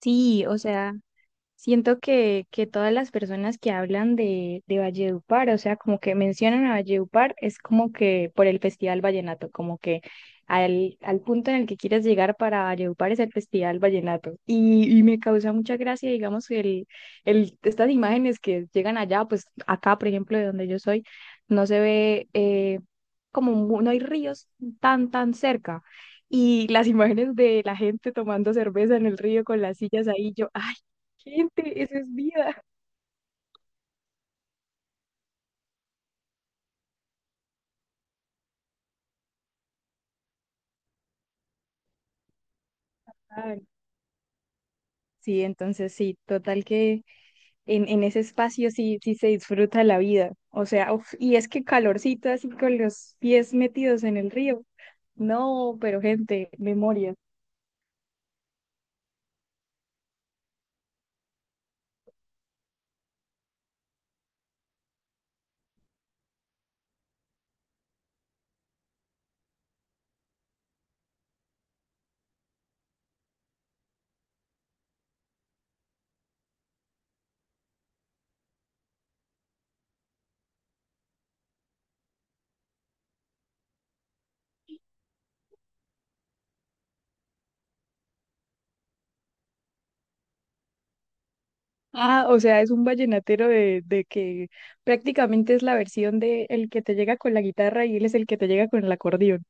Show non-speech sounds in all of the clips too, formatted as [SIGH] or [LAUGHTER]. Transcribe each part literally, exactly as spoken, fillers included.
Sí, o sea, siento que, que todas las personas que hablan de, de Valledupar, o sea, como que mencionan a Valledupar, es como que por el Festival Vallenato, como que al, al punto en el que quieres llegar para Valledupar es el Festival Vallenato. Y, y me causa mucha gracia, digamos, el, el, estas imágenes que llegan allá, pues acá, por ejemplo, de donde yo soy, no se ve eh, como mu- no hay ríos tan, tan cerca. Y las [LAUGHS] imágenes de la gente tomando cerveza en el río con las sillas ahí, yo, gente, eso es vida. Ay, sí, entonces sí, total que en, en ese espacio sí, sí se disfruta la vida. O sea, uf, y es que calorcito así con los pies metidos en el río. No, pero gente, memoria. Ah, o sea, es un vallenatero de, de que prácticamente es la versión de el que te llega con la guitarra y él es el que te llega con el acordeón.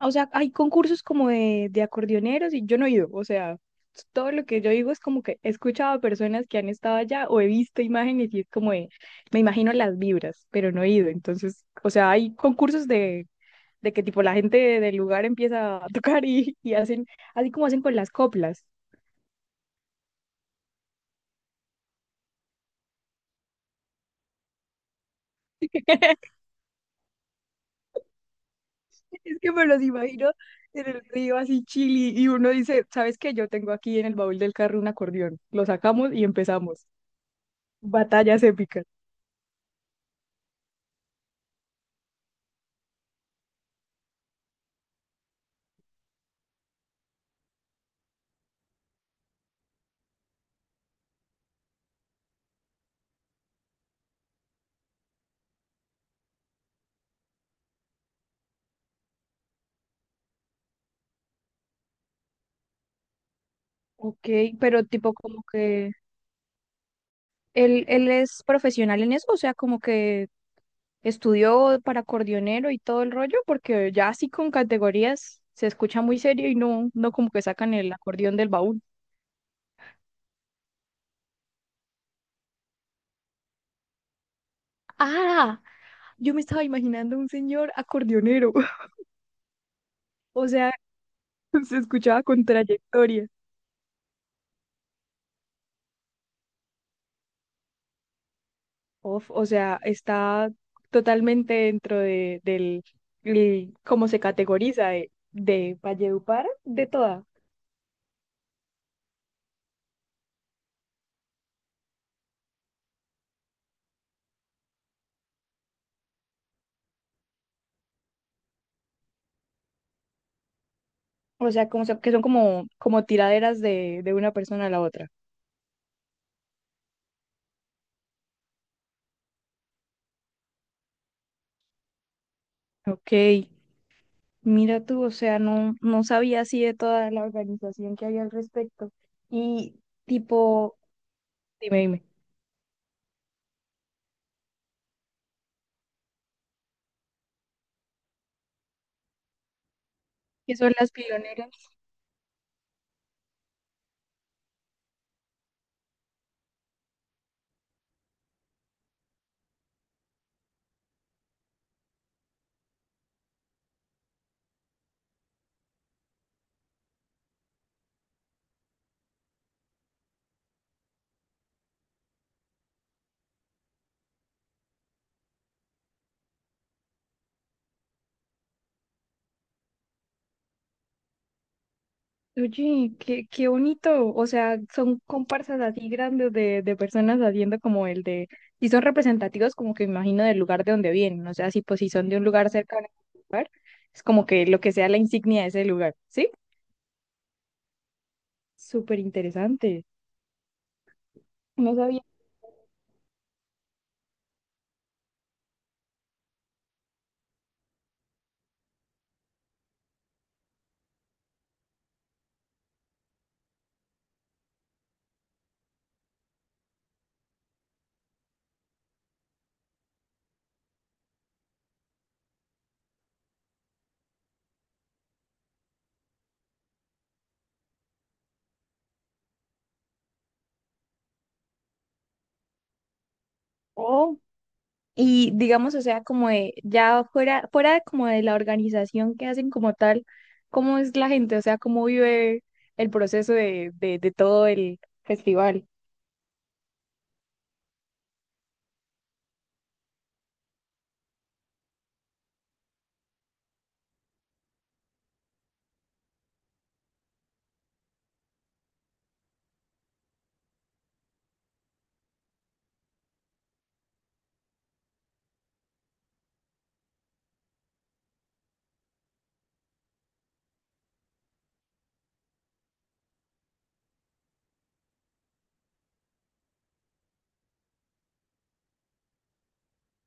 O sea, hay concursos como de, de acordeoneros y yo no he ido. O sea, todo lo que yo digo es como que he escuchado a personas que han estado allá o he visto imágenes y es como de, me imagino las vibras, pero no he ido. Entonces, o sea, hay concursos de, de que tipo la gente del lugar empieza a [LAUGHS] tocar y, y hacen, así como hacen con las coplas. [LAUGHS] Es que me los imagino en el río así chili y uno dice, ¿sabes qué? Yo tengo aquí en el baúl del carro un acordeón. Lo sacamos y empezamos. Batallas épicas. Ok, pero tipo como que Él, él es profesional en eso, o sea, como que estudió para acordeonero y todo el rollo, porque ya así con categorías se escucha muy serio y no, no como que sacan el acordeón del baúl. Ah, yo me estaba imaginando un señor acordeonero, [LAUGHS] o sea, se escuchaba con trayectoria. Uf, o sea, está totalmente dentro de, del, el- cómo se categoriza de, de Valledupar, de toda. O sea, como se- que son como, como tiraderas de, de una persona a la otra. Ok, mira tú, o sea, no, no sabía así de toda la organización que hay al respecto. Y tipo, dime, dime, ¿qué son las pioneras? Oye, qué, qué bonito, o sea, son comparsas así grandes de, de personas haciendo como el de, y son representativos como que me imagino del lugar de donde vienen, o sea, si pues si son de un lugar cercano a un lugar, es como que lo que sea la insignia de ese lugar, ¿sí? Súper interesante, no sabía. Oh, y digamos, o sea, como de, ya fuera, fuera como de la organización que hacen como tal, ¿cómo es la gente? O sea, ¿cómo vive el proceso de, de, de todo el festival?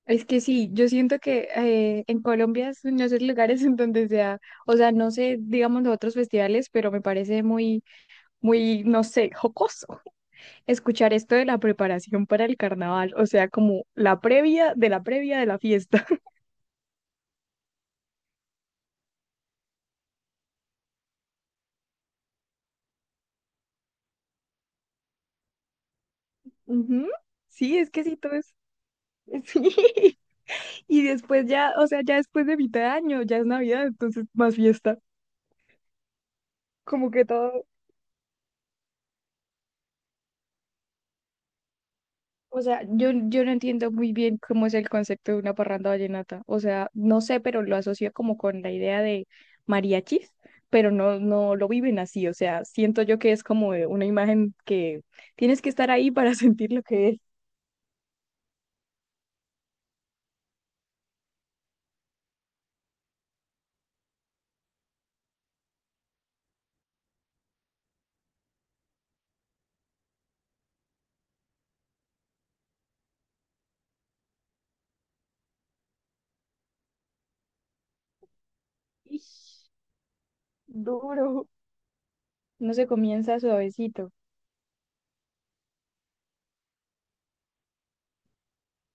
Es que sí, yo siento que eh, en Colombia es uno de esos lugares [LAUGHS] en donde sea, o sea, no sé, digamos, los otros festivales, pero me parece muy, muy, no sé, jocoso escuchar esto de la preparación para el carnaval, o sea, como la previa de la previa de la fiesta. [LAUGHS] Ujú. Sí, es que sí, todo es... [LAUGHS] Sí. Y después ya, o sea, ya después de mitad de año, ya es Navidad, entonces más fiesta. Como que todo, o sea, yo, yo no entiendo muy bien cómo es el concepto de una parranda vallenata. O sea, no sé, pero lo asocio como con la idea de mariachis, pero no, no lo viven así. O sea, siento yo que es como de una imagen que tienes que estar ahí para [LAUGHS] sentir lo que es. Ish, duro. No se comienza suavecito.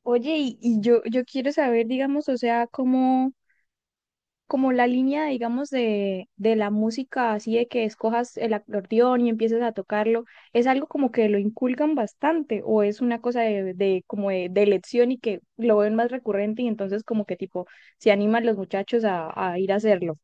Oye, y, y yo, yo quiero saber, digamos, o sea, cómo como la línea, digamos, de, de la música, así de que escojas el acordeón y empieces a tocarlo, ¿es algo como que lo inculcan bastante o es una cosa de, de como de, de elección y que lo ven más recurrente y entonces como que tipo se animan los muchachos a, a ir a hacerlo?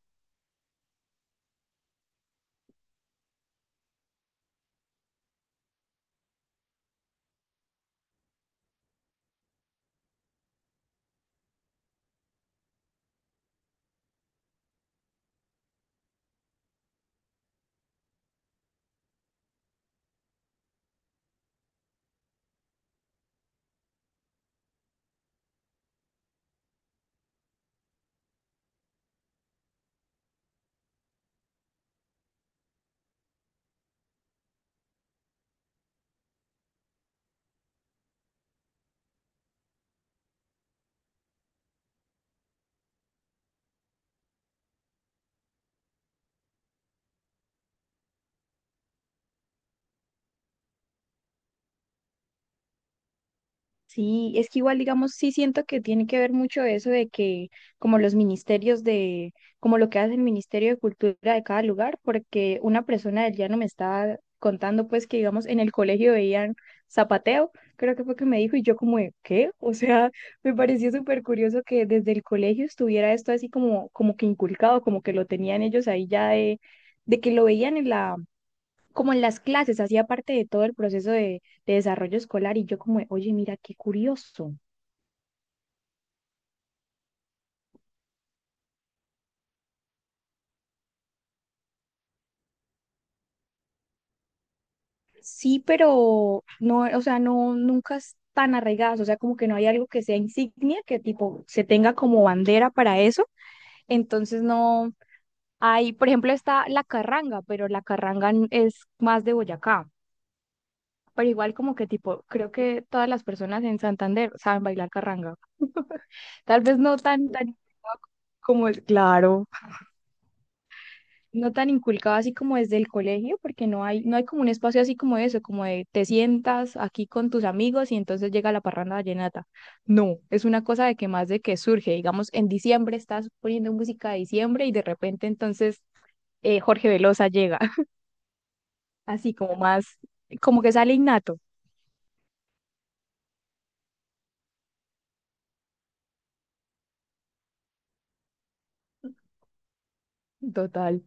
Sí, es que igual, digamos, sí siento que tiene que ver mucho eso de que como los ministerios de, como lo que hace el Ministerio de Cultura de cada lugar, porque una persona del llano me estaba contando pues que, digamos, en el colegio veían zapateo, creo que fue que me dijo, y yo como, de, ¿qué? O sea, [LAUGHS] me pareció súper curioso que desde el colegio estuviera esto así como, como que inculcado, como que lo tenían ellos ahí ya de, de que lo veían en la como en las clases, hacía parte de todo el proceso de, de desarrollo escolar y yo como, de, oye, mira, qué curioso. Sí, pero no, o sea, no, nunca están arraigadas, o sea, como que no hay algo que sea insignia, que tipo se tenga como bandera para eso, entonces no hay, por ejemplo, está la carranga, pero la carranga n- es más de Boyacá, pero igual como que tipo, creo que todas las personas en Santander saben bailar carranga, [LAUGHS] tal vez no tan, tan como es, claro. No tan inculcado así como desde el colegio, porque no hay, no hay como un espacio así como eso, como de te sientas aquí con tus amigos y entonces llega la parranda vallenata. No, es una cosa de que más de que surge, digamos, en diciembre estás poniendo música de diciembre y de repente entonces eh, Jorge Velosa llega, [LAUGHS] así como más, como que sale innato. Total.